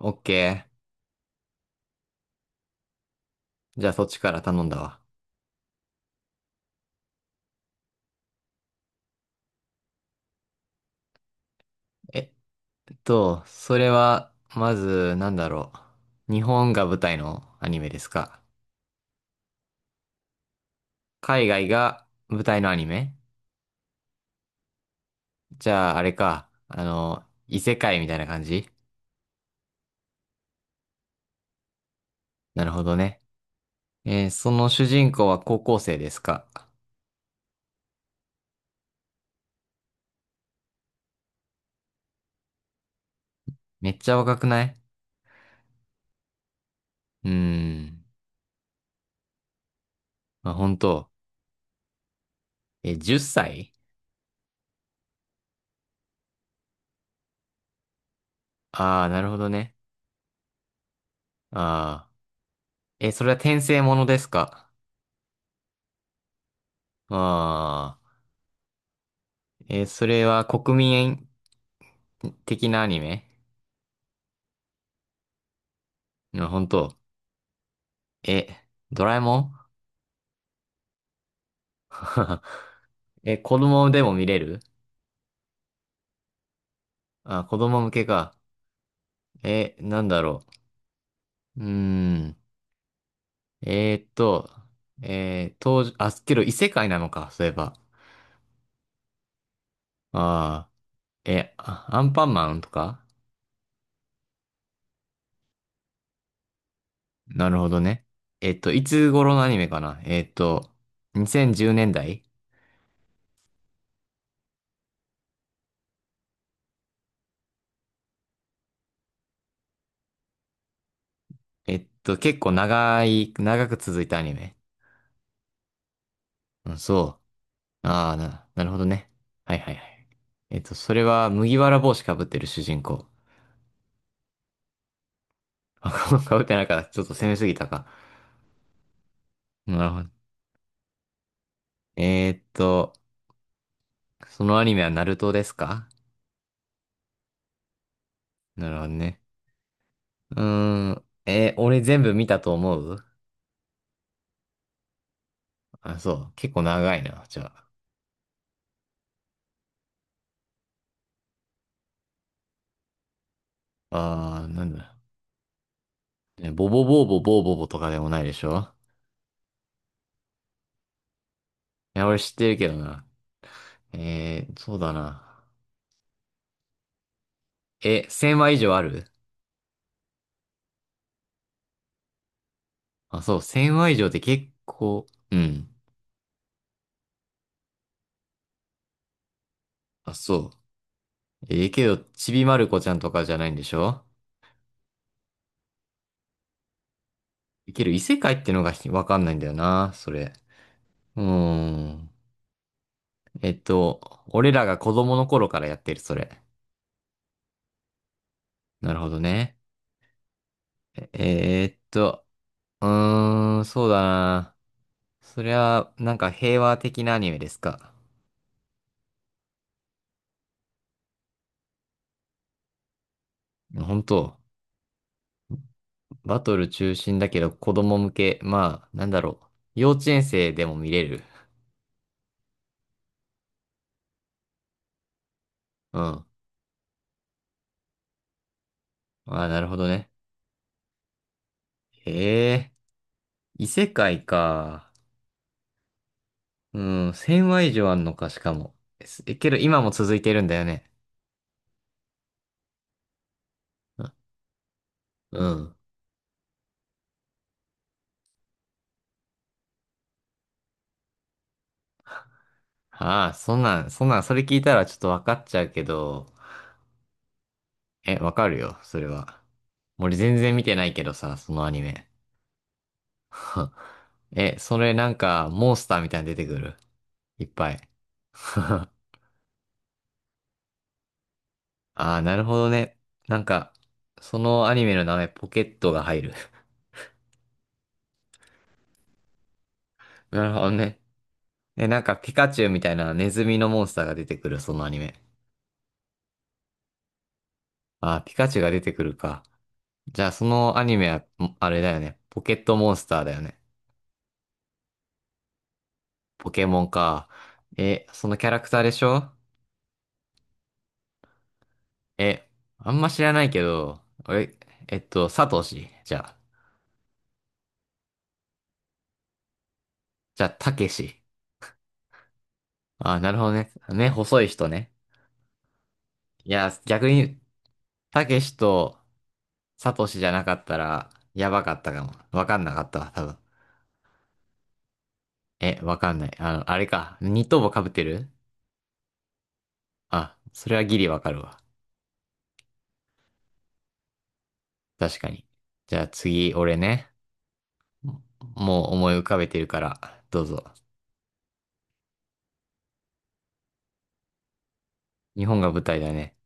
オッケー。じゃあそっちから頼んだわ。えそれは、まず、日本が舞台のアニメですか？海外が舞台のアニメ？じゃあ、あれか。異世界みたいな感じ？なるほどね。その主人公は高校生ですか？めっちゃ若くない？うーん。まあ、本当。え、10歳？ああー、なるほどね。ああ。え、それは転生ものですか？ああー。それは国民的なアニメ？うん、本当。え、ドラえもん？ え、子供でも見れる？あ、子供向けか。え、う。うーん。えーっと、当時、あ、けど異世界なのか、そういえば。ああ、え、あアンパンマンとか？なるほどね。えっと、いつ頃のアニメかな？2010年代？えっと、結構長い、長く続いたアニメ。うん、そう。ああ、なるほどね。はいはいはい。えっと、それは麦わら帽子かぶってる主人公。あ、かぶってないから、ちょっと攻めすぎたか。なるほど。えーっと、そのアニメはナルトですか？なるほどね。うーん。俺全部見たと思う？あ、そう。結構長いな、じゃあ。ああ、なんだ。ねボボボーボボーボボとかでもないでしょ？いや、俺知ってるけどな。えー、そうだな。え、1000話以上ある？あ、そう、1000話以上って結構、うん。あ、そう。えーけど、ちびまる子ちゃんとかじゃないんでしょ？いける異世界ってのがひわかんないんだよな、それ。うーん。えっと、俺らが子供の頃からやってる、それ。なるほどね。えーっと、うーん、そうだな。そりゃ、なんか平和的なアニメですか。本当？バトル中心だけど子供向け。まあ、なんだろう。幼稚園生でも見れる。うん。ああ、なるほどね。へえ、異世界か。うん、1000話以上あんのか、しかも。すえ、けど今も続いてるんだよね。うん。うんああ、そんなん、それ聞いたらちょっとわかっちゃうけど、え、わかるよ、それは。俺全然見てないけどさ、そのアニメ。え、それなんか、モンスターみたいに出てくる。いっぱい。ああ、なるほどね。なんか、そのアニメの名前、ポケットが入る。なるほどね。え、なんか、ピカチュウみたいなネズミのモンスターが出てくる、そのアニメ。ああ、ピカチュウが出てくるか。じゃあ、そのアニメは、あれだよね。ポケットモンスターだよね。ポケモンか。え、そのキャラクターでしょ？え、あんま知らないけど、え、えっと、サトシ。じゃあ、じゃあ、タケシ。あ、なるほどね。ね、細い人ね。いや、逆に、タケシとサトシじゃなかったら、やばかったかも。わかんなかったわ、多分。え、わかんない。あの、あれか。ニット帽被ってる？あ、それはギリわかるわ。確かに。じゃあ次、俺ね。もう思い浮かべてるから、どうぞ。日本が舞台だね。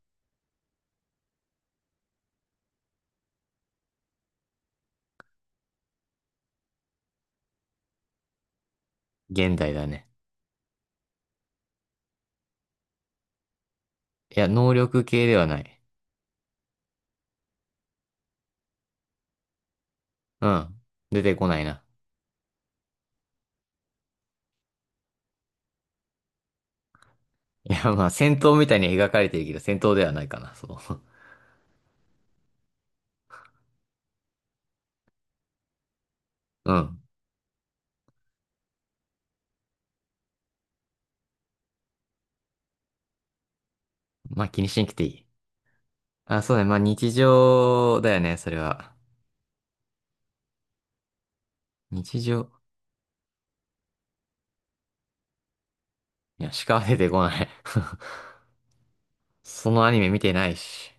現代だね。いや、能力系ではない。うん。出てこないな。いや、まあ、戦闘みたいに描かれてるけど、戦闘ではないかな、そう。うん。まあ、気にしなくていい。あ、そうだね。まあ、日常だよね、それは。日常。いや、しか出てこない。そのアニメ見てないし。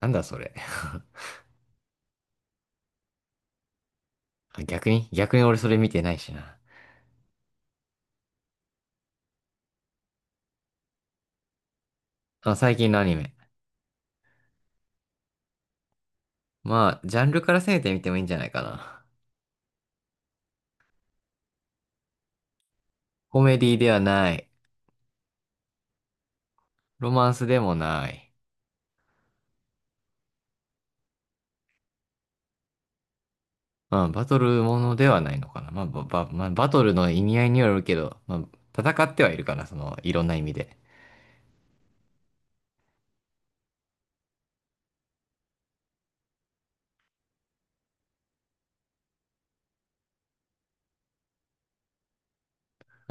なんだ、それ。あ逆に俺それ見てないしな。あ、最近のアニメ。まあ、ジャンルから攻めてみてもいいんじゃないかな。コメディではない。ロマンスでもない。まあ、バトルものではないのかな。まあ、まあ、バトルの意味合いによるけど、まあ、戦ってはいるかな、その、いろんな意味で。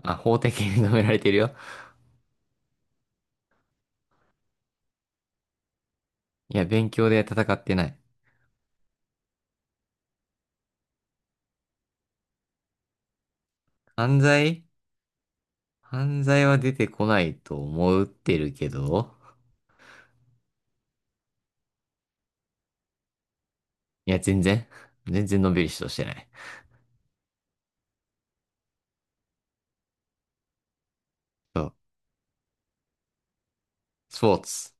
まあ、法的に認められてるよ。いや、勉強で戦ってない。犯罪？犯罪は出てこないと思ってるけど、いや、全然のんびりしとしてない。そう。スポーツ。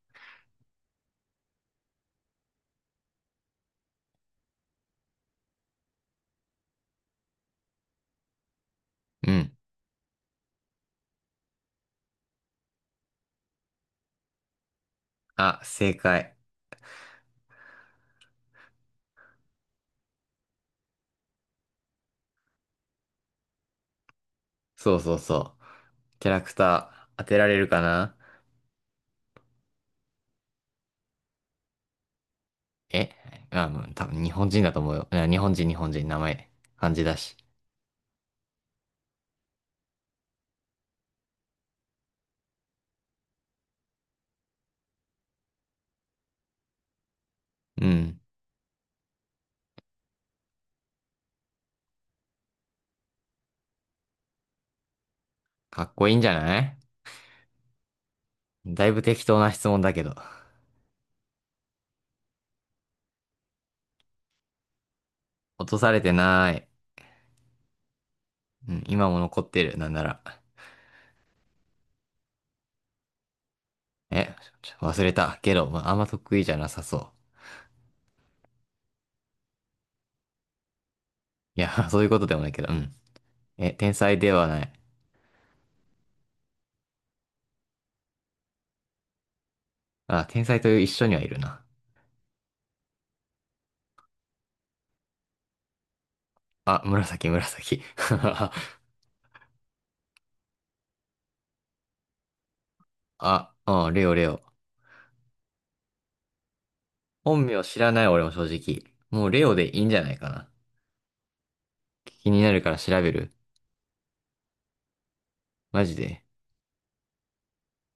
うん。あ、正解。そうそうそう。キャラクター、当てられるかな？えあ、うん、多分日本人だと思うよ。日本人、名前、漢字だし。うん。かっこいいんじゃない？だいぶ適当な質問だけど。落とされてない。うん、今も残ってる、なんなら。え、ちょ忘れた。けど、まあ、あんま得意じゃなさそう。いや、そういうことでもないけど、うん。え、天才ではない。あ、天才という一緒にはいるな。あ、紫、紫。あ、あ、レオ、レオ。本名知らない、俺も正直。もうレオでいいんじゃないかな。気になるから調べる。マジで。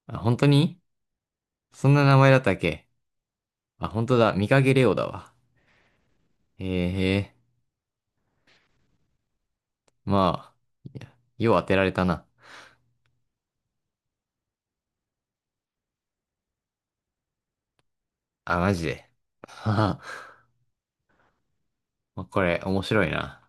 あ、本当に？そんな名前だったっけ？あ、本当だ。見かけレオだわ。へえ、へえ。まあ、いやよう当てられたな。あ、マジで。ははまあこれ、面白いな。